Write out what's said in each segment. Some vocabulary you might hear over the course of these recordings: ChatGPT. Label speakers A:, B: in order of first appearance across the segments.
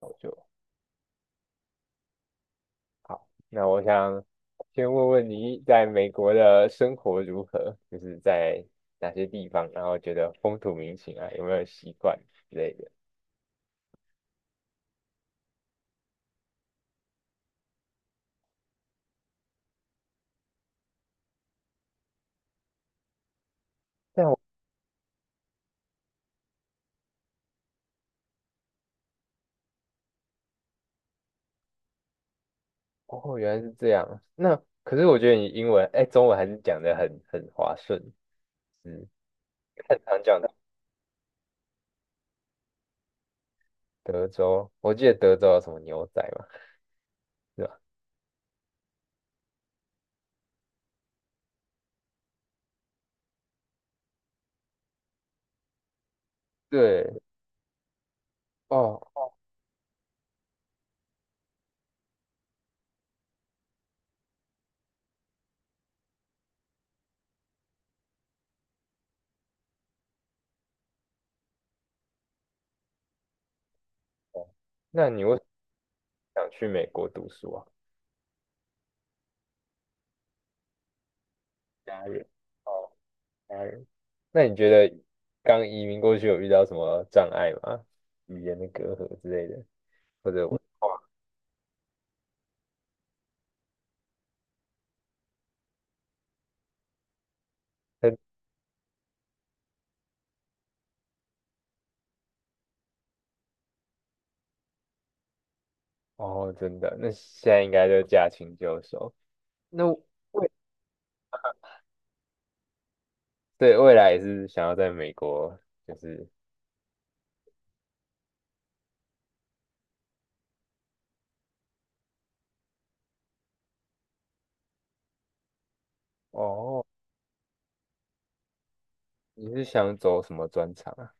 A: 我就好，那我想先问问你在美国的生活如何，就是在哪些地方，然后觉得风土民情啊，有没有习惯之类的。但我哦，原来是这样。那可是我觉得你英文，哎，中文还是讲的很滑顺，嗯，很常讲到德州，我记得德州有什么牛仔嘛，是吧？对，哦，哦，那你为什么想去美国读书啊？家人，哦，家人。那你觉得刚移民过去有遇到什么障碍吗？语言的隔阂之类的，或者文化？嗯，哦，真的，那现在应该就驾轻就熟。那未，对，未来也是想要在美国，就是哦，你是想走什么专长啊？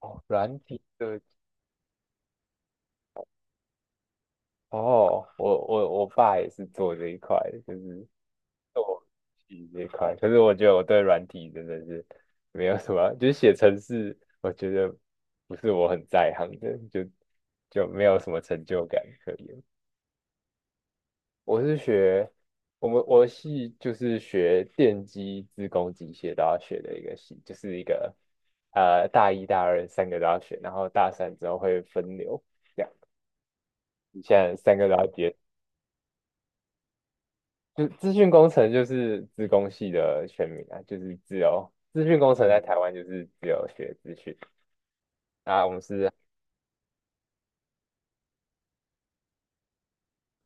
A: 哦，软体设计。哦，我爸也是做这一块的，就是我这一块，可是我觉得我对软体真的是没有什么，就是写程式，我觉得不是我很在行的，就没有什么成就感可言。我是学我的系就是学电机、自工、机械都要学的一个系，就是一个大一、大二三个都要学，然后大三之后会分流，这样你现在三个都要接。就资讯工程就是资工系的全名啊，就是只有资讯工程在台湾就是自由学资讯啊。我们是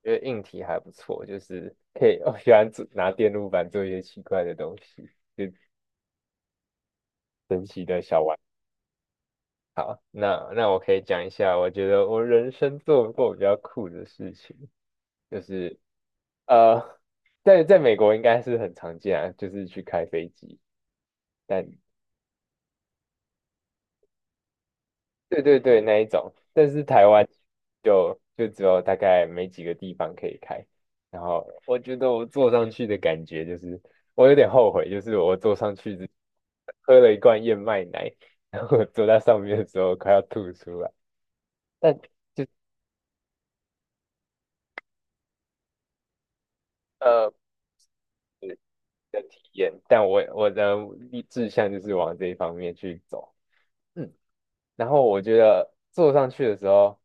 A: 因为硬体还不错，就是可以我喜欢做拿电路板做一些奇怪的东西，就神奇的小玩。好，那我可以讲一下，我觉得我人生做过比较酷的事情，就是呃，在美国应该是很常见啊，就是去开飞机，但对对对，那一种，但是台湾就只有大概没几个地方可以开。然后我觉得我坐上去的感觉就是，我有点后悔，就是我坐上去喝了一罐燕麦奶，然后我坐在上面的时候快要吐出来。但呃的体验，但我的志向就是往这一方面去走。嗯，然后我觉得坐上去的时候，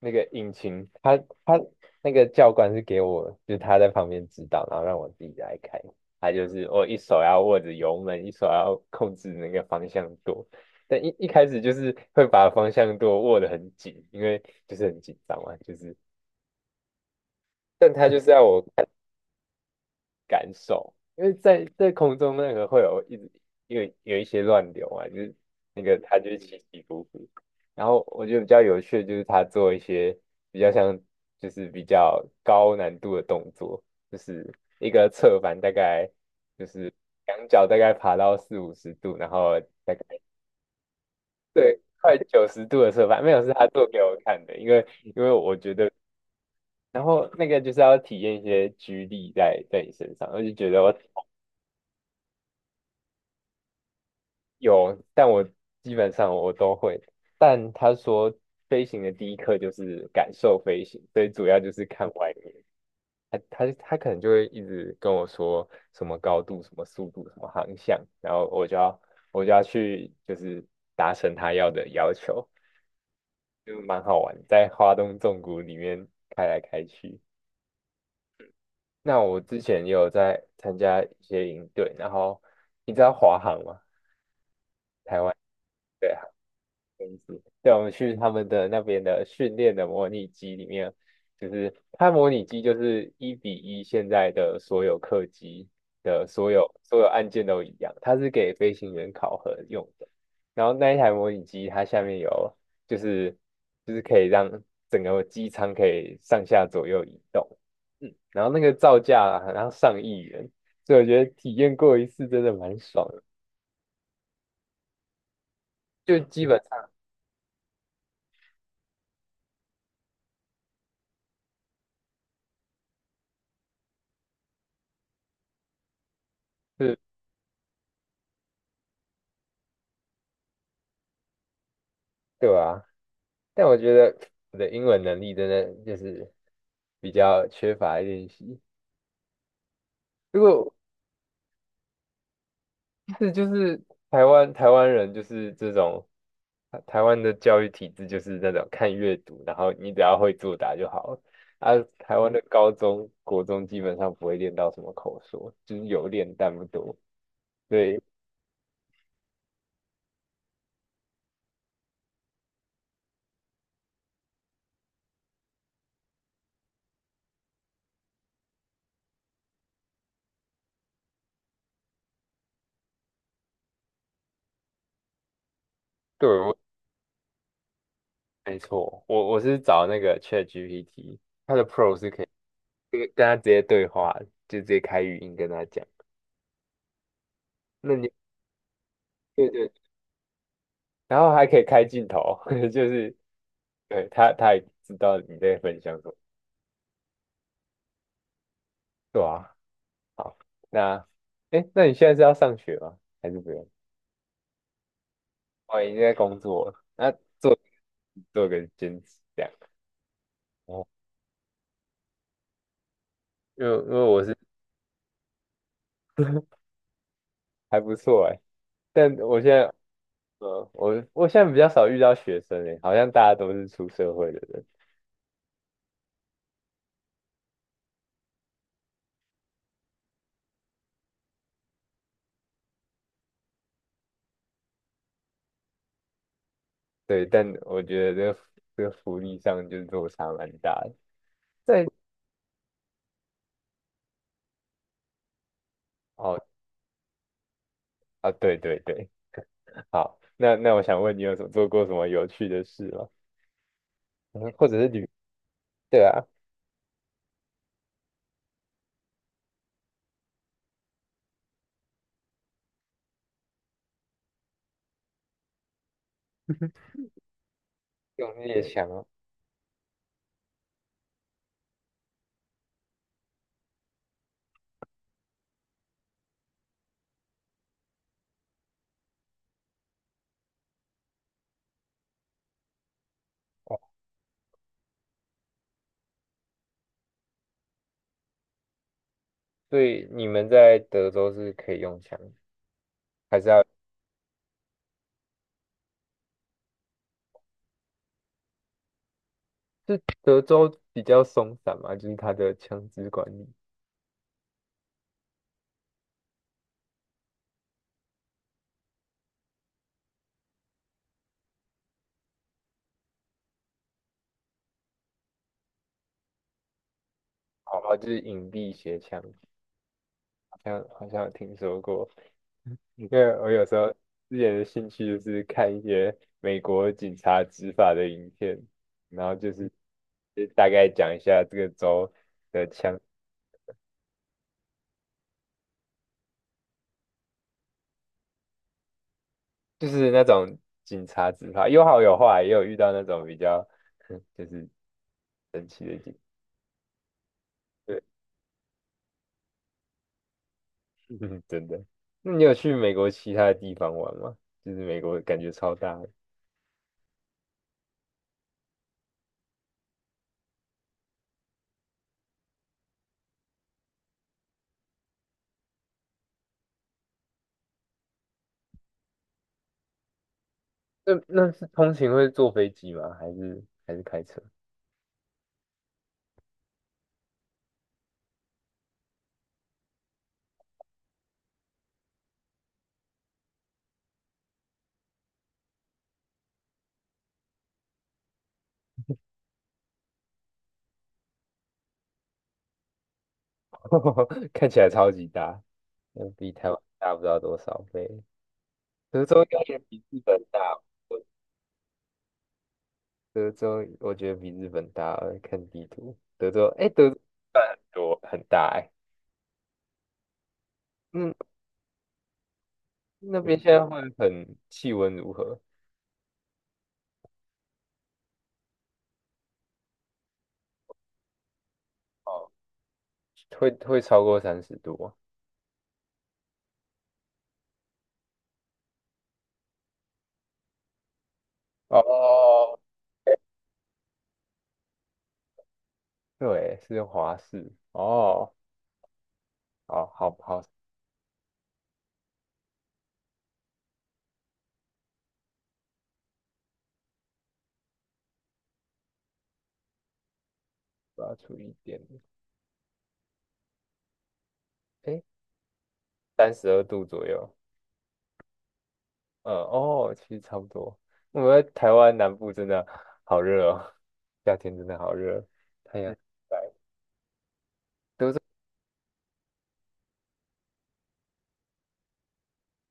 A: 那个引擎，他那个教官是给我，就是他在旁边指导，然后让我自己来开。他就是我一手要握着油门，一手要控制那个方向舵。但一开始就是会把方向舵握得很紧，因为就是很紧张嘛，就是。但他就是要我感受，因为在空中那个会有一直有一些乱流啊，就是那个它就是起起伏伏。然后我觉得比较有趣的就是他做一些比较像就是比较高难度的动作，就是一个侧翻大概就是两脚大概爬到40-50度，然后大概对快90度的侧翻，没有是他做给我看的，因为我觉得。然后那个就是要体验一些居力在你身上，我就觉得有，但我基本上我都会。但他说飞行的第一课就是感受飞行，所以主要就是看外面。他可能就会一直跟我说什么高度、什么速度、什么航向，然后我就要去就是达成他要的要求，就蛮好玩，在华东纵谷里面开来开去。那我之前也有在参加一些营队，然后你知道华航吗？对。东西对，我们去他们的那边的训练的模拟机里面，就是它模拟机就是一比一，现在的所有客机的所有按键都一样，它是给飞行员考核用的。然后那一台模拟机，它下面有就是就是可以让整个机舱可以上下左右移动，嗯，然后那个造价啊好像上亿元，所以我觉得体验过一次真的蛮爽的，就基本上是对吧？但我觉得我的英文能力真的就是比较缺乏练习。如果是就是台湾人就是这种，啊台湾的教育体制就是那种看阅读，然后你只要会作答就好了。啊，台湾的高中、国中基本上不会练到什么口说，就是有练但不多。对，对，没错，我是找那个 ChatGPT，它的 Pro 是可以跟他直接对话，就直接开语音跟它讲。那你对对，然后还可以开镜头，就是对他也知道你在分享什么，对啊。好，那哎，诶，那你现在是要上学吗？还是不用？我已经在工作了，那做做个兼职这样。哦，因为我是 还不错哎，但我现在我现在比较少遇到学生哎，好像大家都是出社会的人。对，但我觉得这个福利上就是落差蛮大的。在哦啊，对对对，好，那我想问你有什么做过什么有趣的事吗？嗯，或者是旅，对啊，用猎枪哦。哦，所以你们在德州是可以用枪，还是要？是德州比较松散嘛，就是它的枪支管理，好吧，就是隐蔽携枪，好像有听说过。因为我有时候之前的兴趣就是看一些美国警察执法的影片，然后就大概讲一下这个州。的枪。就是那种警察执法，有好有坏，也有遇到那种比较 就是神奇的警。对，真的。那你有去美国其他的地方玩吗？就是美国感觉超大的。那是通勤会坐飞机吗？还是开车？看起来超级大，那比台湾大不知道多少倍。德州应该也比日本大，我德州我觉得比日本大。看地图，哎、德州算很多很大哎、那边现在气温如何？哦，会超过30度吗？哦，对，是华氏哦，好好好，我要除一点，诶，32度左右，嗯，哦，其实差不多。我们在台湾南部真的好热哦，夏天真的好热，太阳很晒，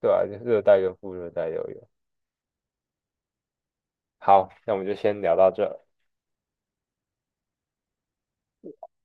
A: 对啊，热带跟副热带都有。好，那我们就先聊到这。